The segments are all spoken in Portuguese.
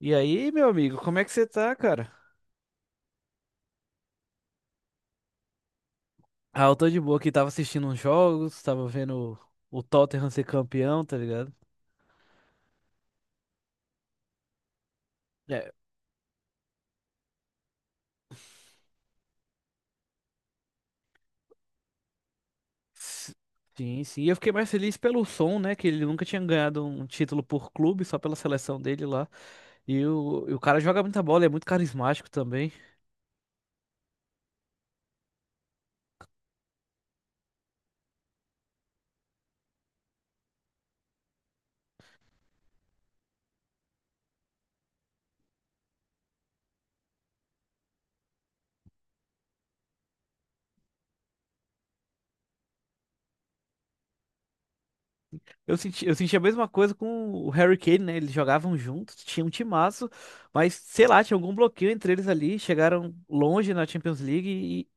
E aí, meu amigo, como é que você tá, cara? Ah, eu tô de boa aqui, tava assistindo uns jogos, tava vendo o Tottenham ser campeão, tá ligado? É. s- Sim, sim. E eu fiquei mais feliz pelo som, né? Que ele nunca tinha ganhado um título por clube, só pela seleção dele lá. E o cara joga muita bola, é muito carismático também. Eu senti a mesma coisa com o Harry Kane, né? Eles jogavam juntos, tinha um timaço, mas sei lá, tinha algum bloqueio entre eles ali. Chegaram longe na Champions League e,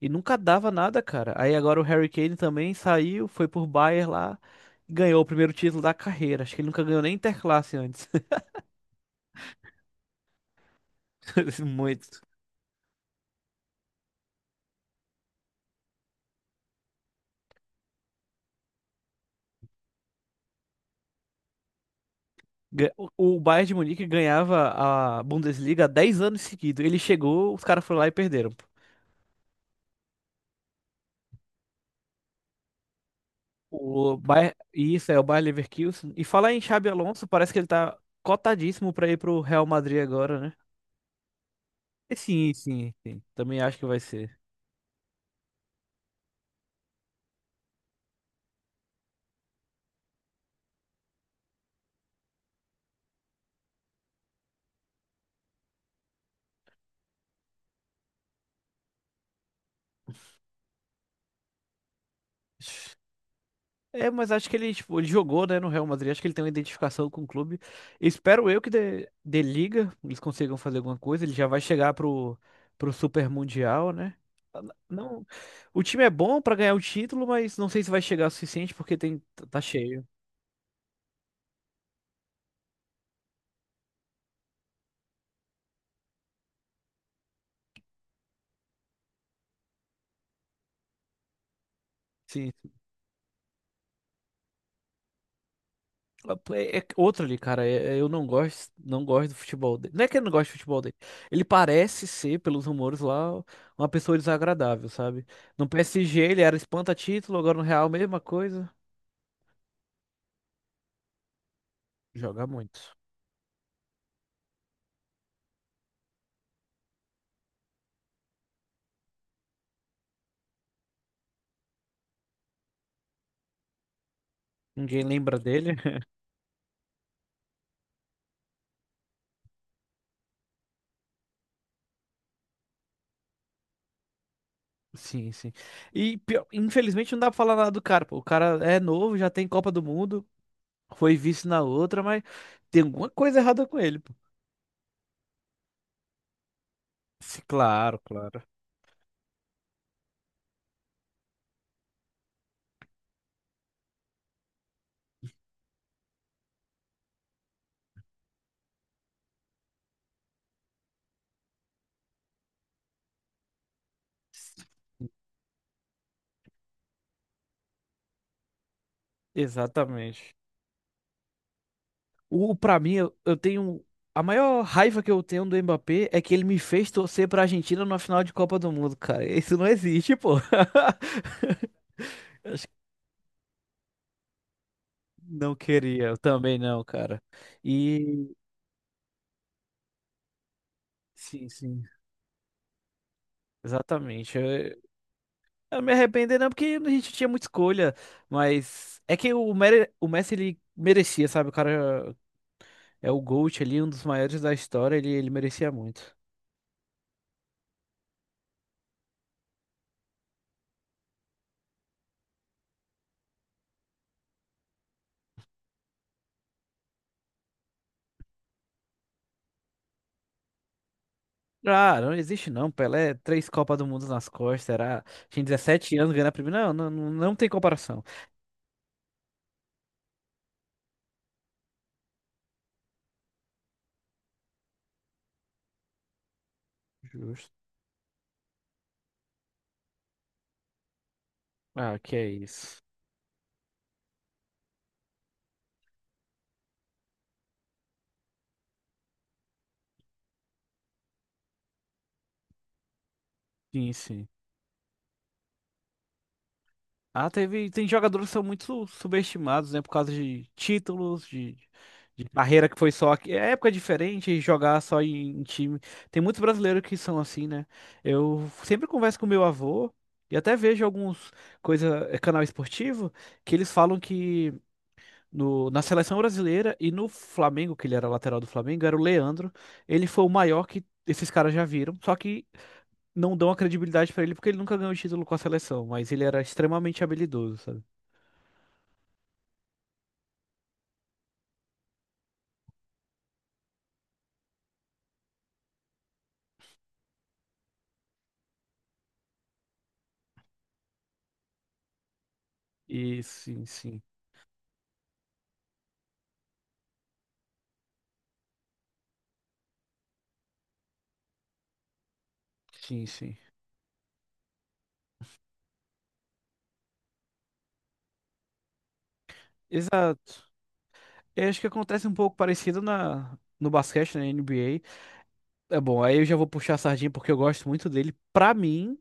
e nunca dava nada, cara. Aí agora o Harry Kane também saiu, foi por Bayern lá e ganhou o primeiro título da carreira. Acho que ele nunca ganhou nem Interclasse antes. Muito. Ga- O o Bayern de Munique ganhava a Bundesliga há 10 anos seguidos. Ele chegou, os caras foram lá e perderam. O Bayer, isso é o Bayer Leverkusen. E falar em Xabi Alonso, parece que ele tá cotadíssimo pra ir pro Real Madrid agora, né? E sim. Também acho que vai ser. É, mas acho que ele, tipo, ele jogou, né, no Real Madrid. Acho que ele tem uma identificação com o clube. Espero eu que dê liga, eles consigam fazer alguma coisa. Ele já vai chegar pro Super Mundial, né? Não, o time é bom pra ganhar o título, mas não sei se vai chegar o suficiente porque tem tá cheio. Sim. É, é outro ali, cara. Eu não gosto, não gosto do futebol dele. Não é que eu não gosto do futebol dele. Ele parece ser, pelos rumores lá, uma pessoa desagradável, sabe? No PSG ele era espanta-título, agora no Real mesma coisa. Joga muito. Ninguém lembra dele. Sim, sim. Infelizmente não dá pra falar nada do cara, pô. O cara é novo, já tem Copa do Mundo, foi vice na outra, mas tem alguma coisa errada com ele, pô. Sim, claro, claro. Exatamente. O, para mim, eu tenho. A maior raiva que eu tenho do Mbappé é que ele me fez torcer pra Argentina na final de Copa do Mundo, cara. Isso não existe, pô. Não queria, eu também não, cara. E. Sim, sim. Exatamente. Eu me arrependo, não, porque a gente tinha muita escolha. Mas é que o Messi, ele merecia, sabe? O cara é o GOAT ali, um dos maiores da história. Ele merecia muito. Ah, não existe não, Pelé, três Copas do Mundo nas costas, era tinha 17 anos ganhando a primeira, não tem comparação. Justo. Ah, que é isso. Sim, sim. Ah, teve, tem jogadores que são muito subestimados, né, por causa de títulos, de carreira que foi só aqui, é época diferente, jogar só em, em time. Tem muitos brasileiros que são assim, né? Eu sempre converso com meu avô e até vejo alguns coisa, é, canal esportivo, que eles falam que na seleção brasileira e no Flamengo, que ele era lateral do Flamengo, era o Leandro. Ele foi o maior que esses caras já viram, só que não dão a credibilidade pra ele porque ele nunca ganhou título com a seleção, mas ele era extremamente habilidoso, sabe? E sim, sim. Sim, sim. Exato. Eu acho que acontece um pouco parecido na no basquete, na NBA. É bom, aí eu já vou puxar a sardinha porque eu gosto muito dele. Pra mim,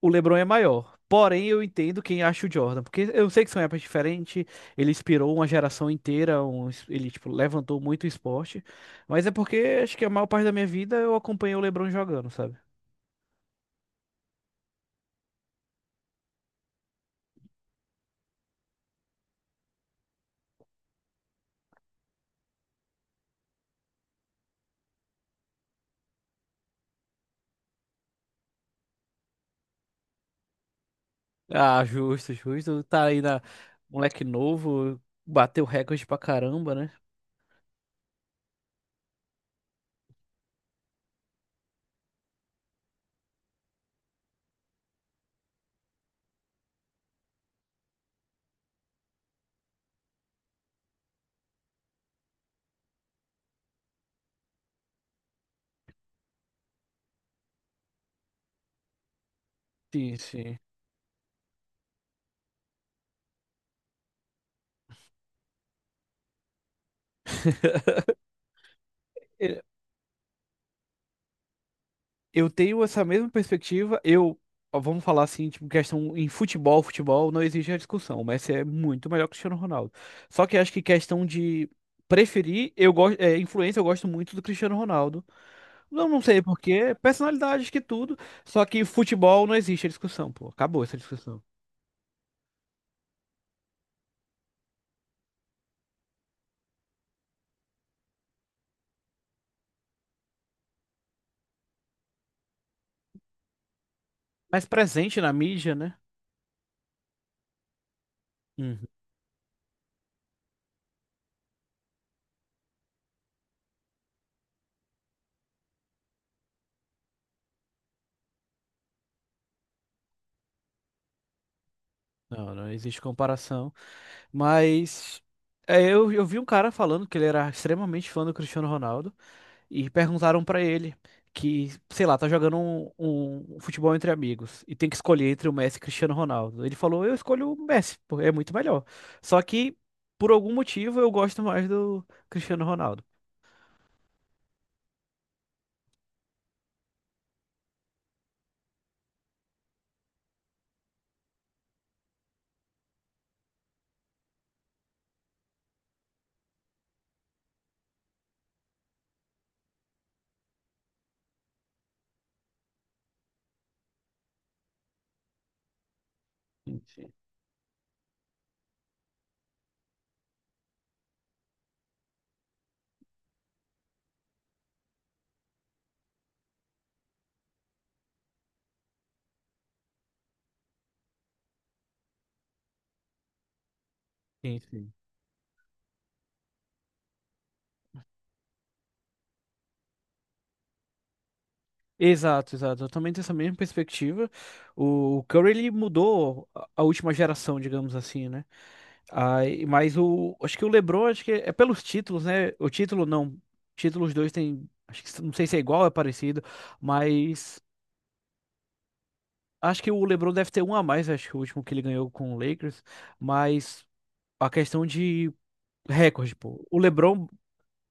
o LeBron é maior. Porém, eu entendo quem acha o Jordan, porque eu sei que são épocas diferentes, ele inspirou uma geração inteira, ele tipo levantou muito o esporte, mas é porque acho que a maior parte da minha vida eu acompanhei o LeBron jogando, sabe? Ah, justo, justo. Tá aí na moleque novo, bateu recorde pra caramba, né? Sim, sim. Eu tenho essa mesma perspectiva. Ó, vamos falar assim, tipo, questão em futebol, futebol não exige a discussão. O Messi é muito melhor que o Cristiano Ronaldo. Só que acho que questão de preferir, eu gosto, é, influência, eu gosto muito do Cristiano Ronaldo. Não, não sei por quê, personalidade acho que tudo. Só que futebol não existe a discussão, pô. Acabou essa discussão. Mais presente na mídia, né? Uhum. Não, não existe comparação. Mas é, eu vi um cara falando que ele era extremamente fã do Cristiano Ronaldo. E perguntaram pra ele que, sei lá, tá jogando um futebol entre amigos e tem que escolher entre o Messi e Cristiano Ronaldo. Ele falou: eu escolho o Messi, porque é muito melhor. Só que, por algum motivo, eu gosto mais do Cristiano Ronaldo. Sim, sim. Exato, exato. Eu também tenho essa mesma perspectiva. O Curry ele mudou a última geração, digamos assim, né? Aí, mas o, acho que o LeBron, acho que é pelos títulos, né? O título não, títulos dois tem, acho que não sei se é igual, é parecido, mas acho que o LeBron deve ter um a mais, acho que o último que ele ganhou com o Lakers, mas a questão de recorde, pô, o LeBron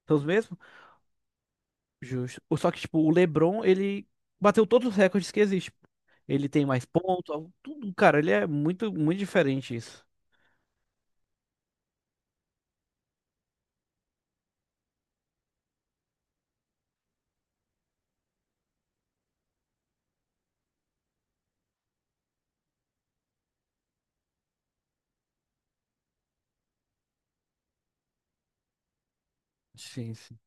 são os mesmos? Justo. Só que tipo, o LeBron, ele bateu todos os recordes que existem. Ele tem mais pontos, tudo, cara, ele é muito muito diferente isso. Sim, sim.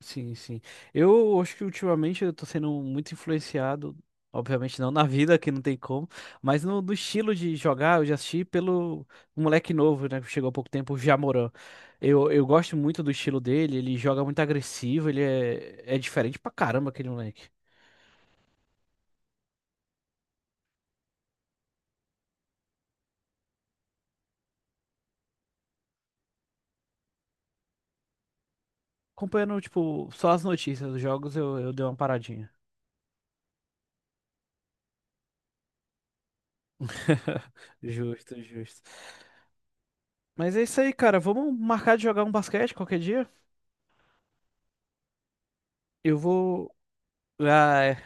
Sim, sim. Eu acho que ultimamente eu tô sendo muito influenciado, obviamente não na vida, que não tem como, mas no estilo de jogar, eu já assisti pelo um moleque novo, né, que chegou há pouco tempo, o Jamoran. Eu gosto muito do estilo dele, ele joga muito agressivo, ele é, é diferente pra caramba aquele moleque. Acompanhando, tipo, só as notícias dos jogos, eu dei uma paradinha. Justo, justo. Mas é isso aí, cara. Vamos marcar de jogar um basquete qualquer dia? Eu vou. Ah, é.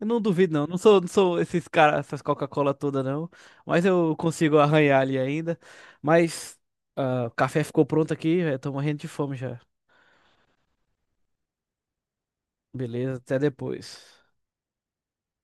Eu não duvido, não. Não sou, não sou esses caras, essas Coca-Cola toda, não. Mas eu consigo arranhar ali ainda. Mas ah, o café ficou pronto aqui, eu tô morrendo de fome já. Beleza, até depois.